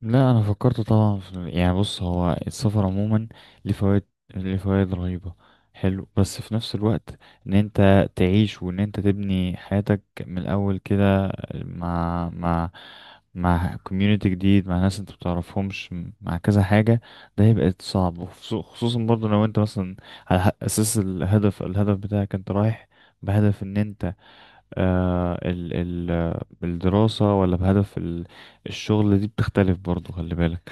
لا، انا فكرت طبعا في، يعني بص، هو السفر عموما ليه فوائد، ليه فوائد رهيبه حلو، بس في نفس الوقت ان انت تعيش وان انت تبني حياتك من الاول كده مع مع كوميونيتي جديد، مع ناس انت بتعرفهمش، مع كذا حاجه، ده هيبقى صعب. وخصو- خصوصا برضه لو انت مثلا على اساس الهدف، بتاعك انت رايح بهدف ان انت ال ال الدراسة ولا بهدف الشغل، دي بتختلف برضو، خلي بالك.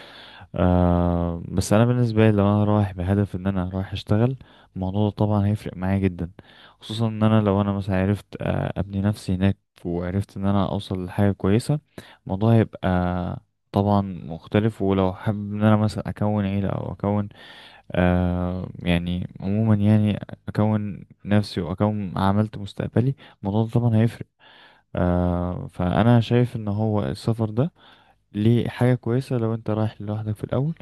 بس أنا بالنسبة لي لو أنا رايح بهدف إن أنا رايح أشتغل، الموضوع ده طبعا هيفرق معايا جدا، خصوصا إن أنا لو أنا مثلا عرفت أبني نفسي هناك، وعرفت إن أنا أوصل لحاجة كويسة، الموضوع هيبقى طبعا مختلف. ولو حابب إن أنا مثلا أكون عيلة أو أكون، يعني عموما، أكون نفسي وأكون عملت مستقبلي، الموضوع ده طبعا هيفرق. آه، فانا شايف ان هو السفر ده ليه حاجه كويسه لو انت رايح لوحدك في الاول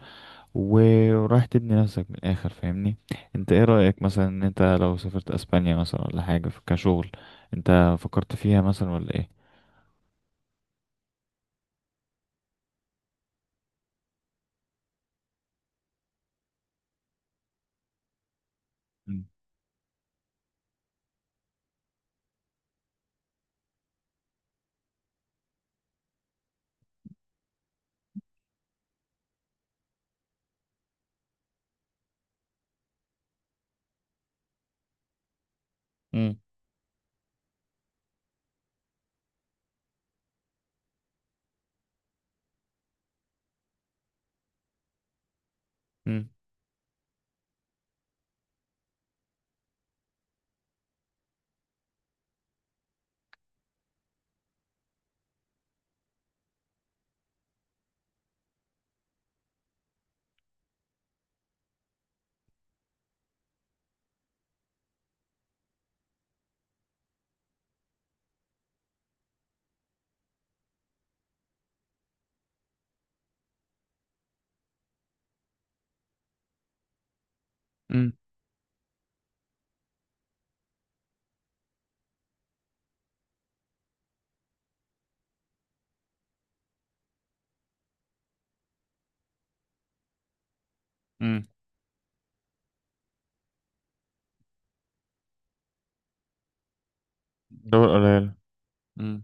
و- ورايح تبني نفسك من الاخر، فاهمني؟ انت ايه رايك مثلا ان انت لو سافرت اسبانيا مثلا ولا حاجه كشغل، انت فكرت فيها مثلا ولا ايه؟ مم. مم. مم. مم. مم. دول قليلة. مم.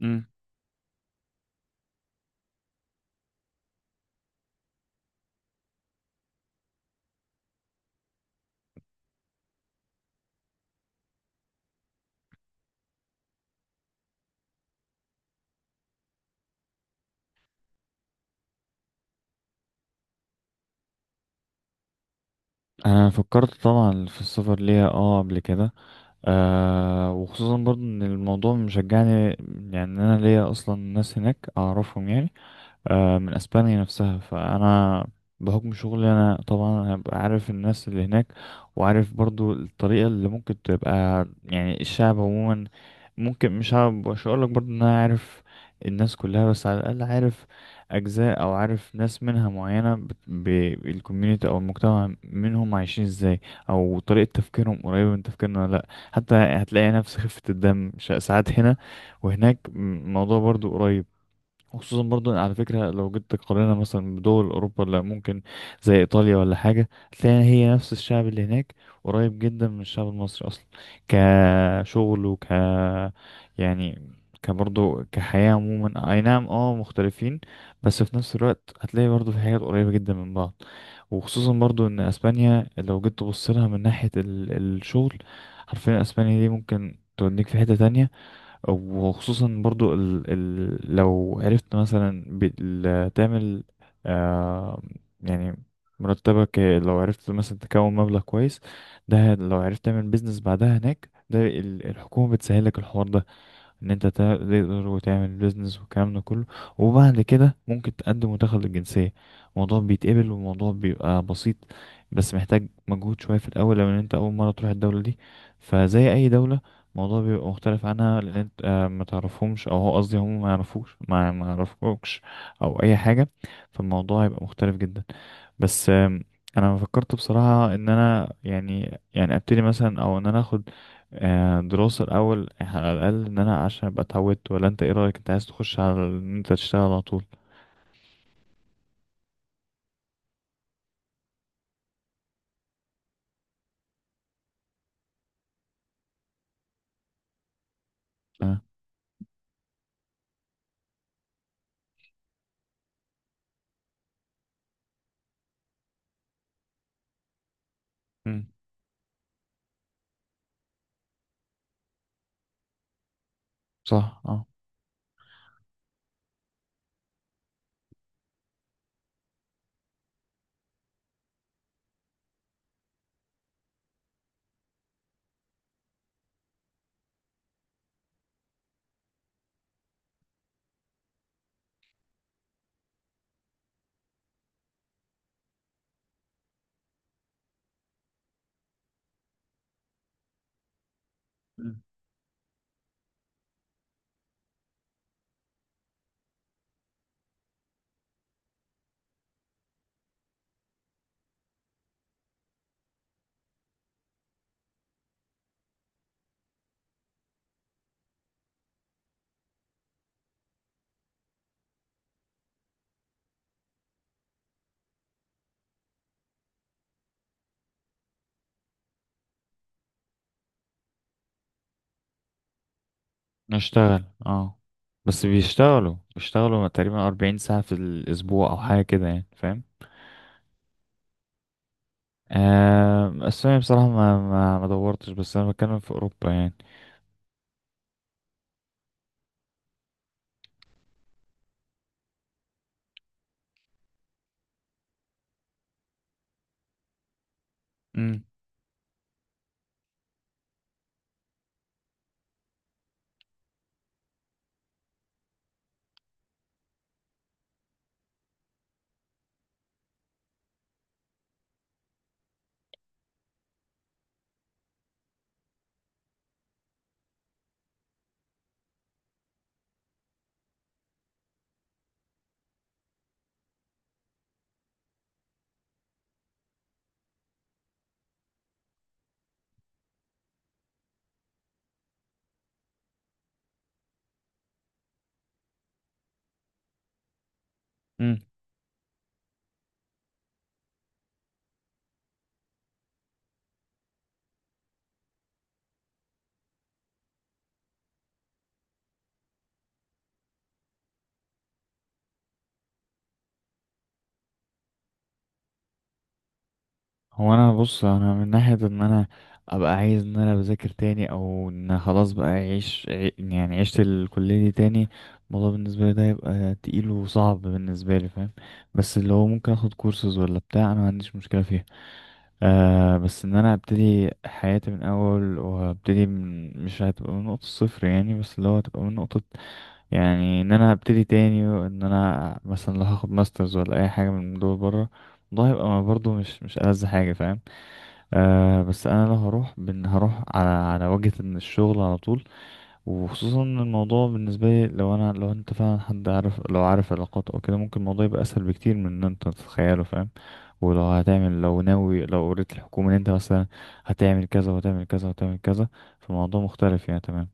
مم. انا فكرت طبعا في السفر ليها، اه، قبل كده. آه، وخصوصا برضو ان الموضوع مشجعني، يعني إن انا ليا اصلا ناس هناك اعرفهم، يعني آه، من اسبانيا نفسها. فانا بحكم شغلي انا طبعا هبقى عارف الناس اللي هناك، وعارف برضو الطريقه اللي ممكن تبقى، يعني الشعب عموما، ممكن مش هقول لك برضو ان انا عارف الناس كلها، بس على الاقل عارف اجزاء، او عارف ناس منها معينه بالكوميونتي او المجتمع، منهم عايشين ازاي، او طريقه تفكيرهم قريبه من تفكيرنا ولا لا. حتى هتلاقي نفس خفه الدم، ساعات هنا وهناك الموضوع برضو قريب. خصوصا برضو على فكرة، لو جيت تقارنها مثلا بدول أوروبا، اللي ممكن زي إيطاليا ولا حاجة، تلاقي هي نفس الشعب اللي هناك قريب جدا من الشعب المصري أصلا، كشغل وك، يعني كبرضو كحياة عموما. أي نعم، اه، مختلفين، بس في نفس الوقت هتلاقي برضو في حاجات قريبة جدا من بعض. وخصوصا برضو إن أسبانيا لو جيت تبص لها من ناحية الشغل، حرفيا أسبانيا دي ممكن توديك في حتة تانية. وخصوصا برضو ال ال لو عرفت مثلا تعمل، آه يعني مرتبك، لو عرفت مثلا تكون مبلغ كويس. ده لو عرفت تعمل بيزنس بعدها هناك، ده الحكومة بتسهل لك الحوار ده، ان انت تقدر وتعمل بيزنس والكلام ده كله، وبعد كده ممكن تقدم وتاخد الجنسية. الموضوع بيتقبل والموضوع بيبقى بسيط، بس محتاج مجهود شوية في الأول لو ان انت أول مرة تروح الدولة دي. فزي أي دولة، الموضوع بيبقى مختلف عنها، لأن انت ما تعرفهمش، أو هو قصدي هم ما يعرفوش، ما يعرفوكش، أو أي حاجة. فالموضوع هيبقى مختلف جدا. بس انا فكرت بصراحة ان انا، يعني يعني، ابتدي مثلا، او ان انا اخد دراسة الاول على الاقل، ان انا عشان ابقى اتعودت، ولا انت ايه رأيك؟ انت عايز تخش على ان انت تشتغل على طول؟ اه. مم. صح اه. مم. نشتغل اه. بس بيشتغلوا تقريبا 40 ساعة في الأسبوع أو حاجة كده، يعني فاهم؟ آه، بس أنا بصراحة ما دورتش، بس أنا بتكلم في أوروبا يعني. امم. هو انا بص، انا من ناحيه ان انا ابقى عايز ان انا بذاكر تاني، او ان خلاص بقى اعيش يعني عشت الكليه دي تاني، الموضوع بالنسبه لي ده هيبقى تقيل وصعب بالنسبه لي، فاهم؟ بس اللي هو ممكن اخد كورسز ولا بتاع، انا ما عنديش مشكله فيها. آه، بس ان انا ابتدي حياتي من اول، وابتدي من، مش هتبقى من نقطه صفر يعني، بس اللي هو هتبقى من نقطه، يعني ان انا ابتدي تاني. وان انا مثلا لو هاخد ماسترز ولا اي حاجه من دول بره، ده هيبقى برضه مش ألذ حاجه، فاهم؟ أه، بس انا لو هروح هروح على وجهة ان الشغل على طول. وخصوصا إن الموضوع بالنسبة لي، لو انت فعلا حد عارف، لو عارف علاقات او كده، ممكن الموضوع يبقى اسهل بكتير من ان انت تتخيله، فاهم؟ ولو هتعمل، لو ناوي، لو قريت الحكومة ان انت مثلا هتعمل كذا وهتعمل كذا وهتعمل كذا، فالموضوع مختلف، يعني تمام.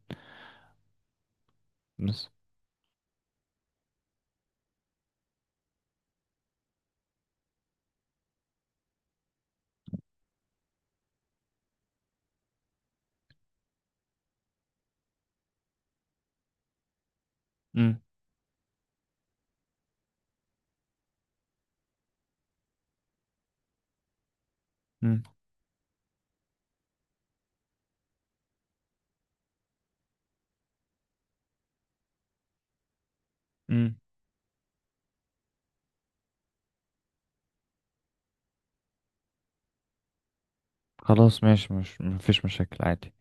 بس امم. امم. امم. خلاص، ماشي، مش، مفيش مشاكل عادي.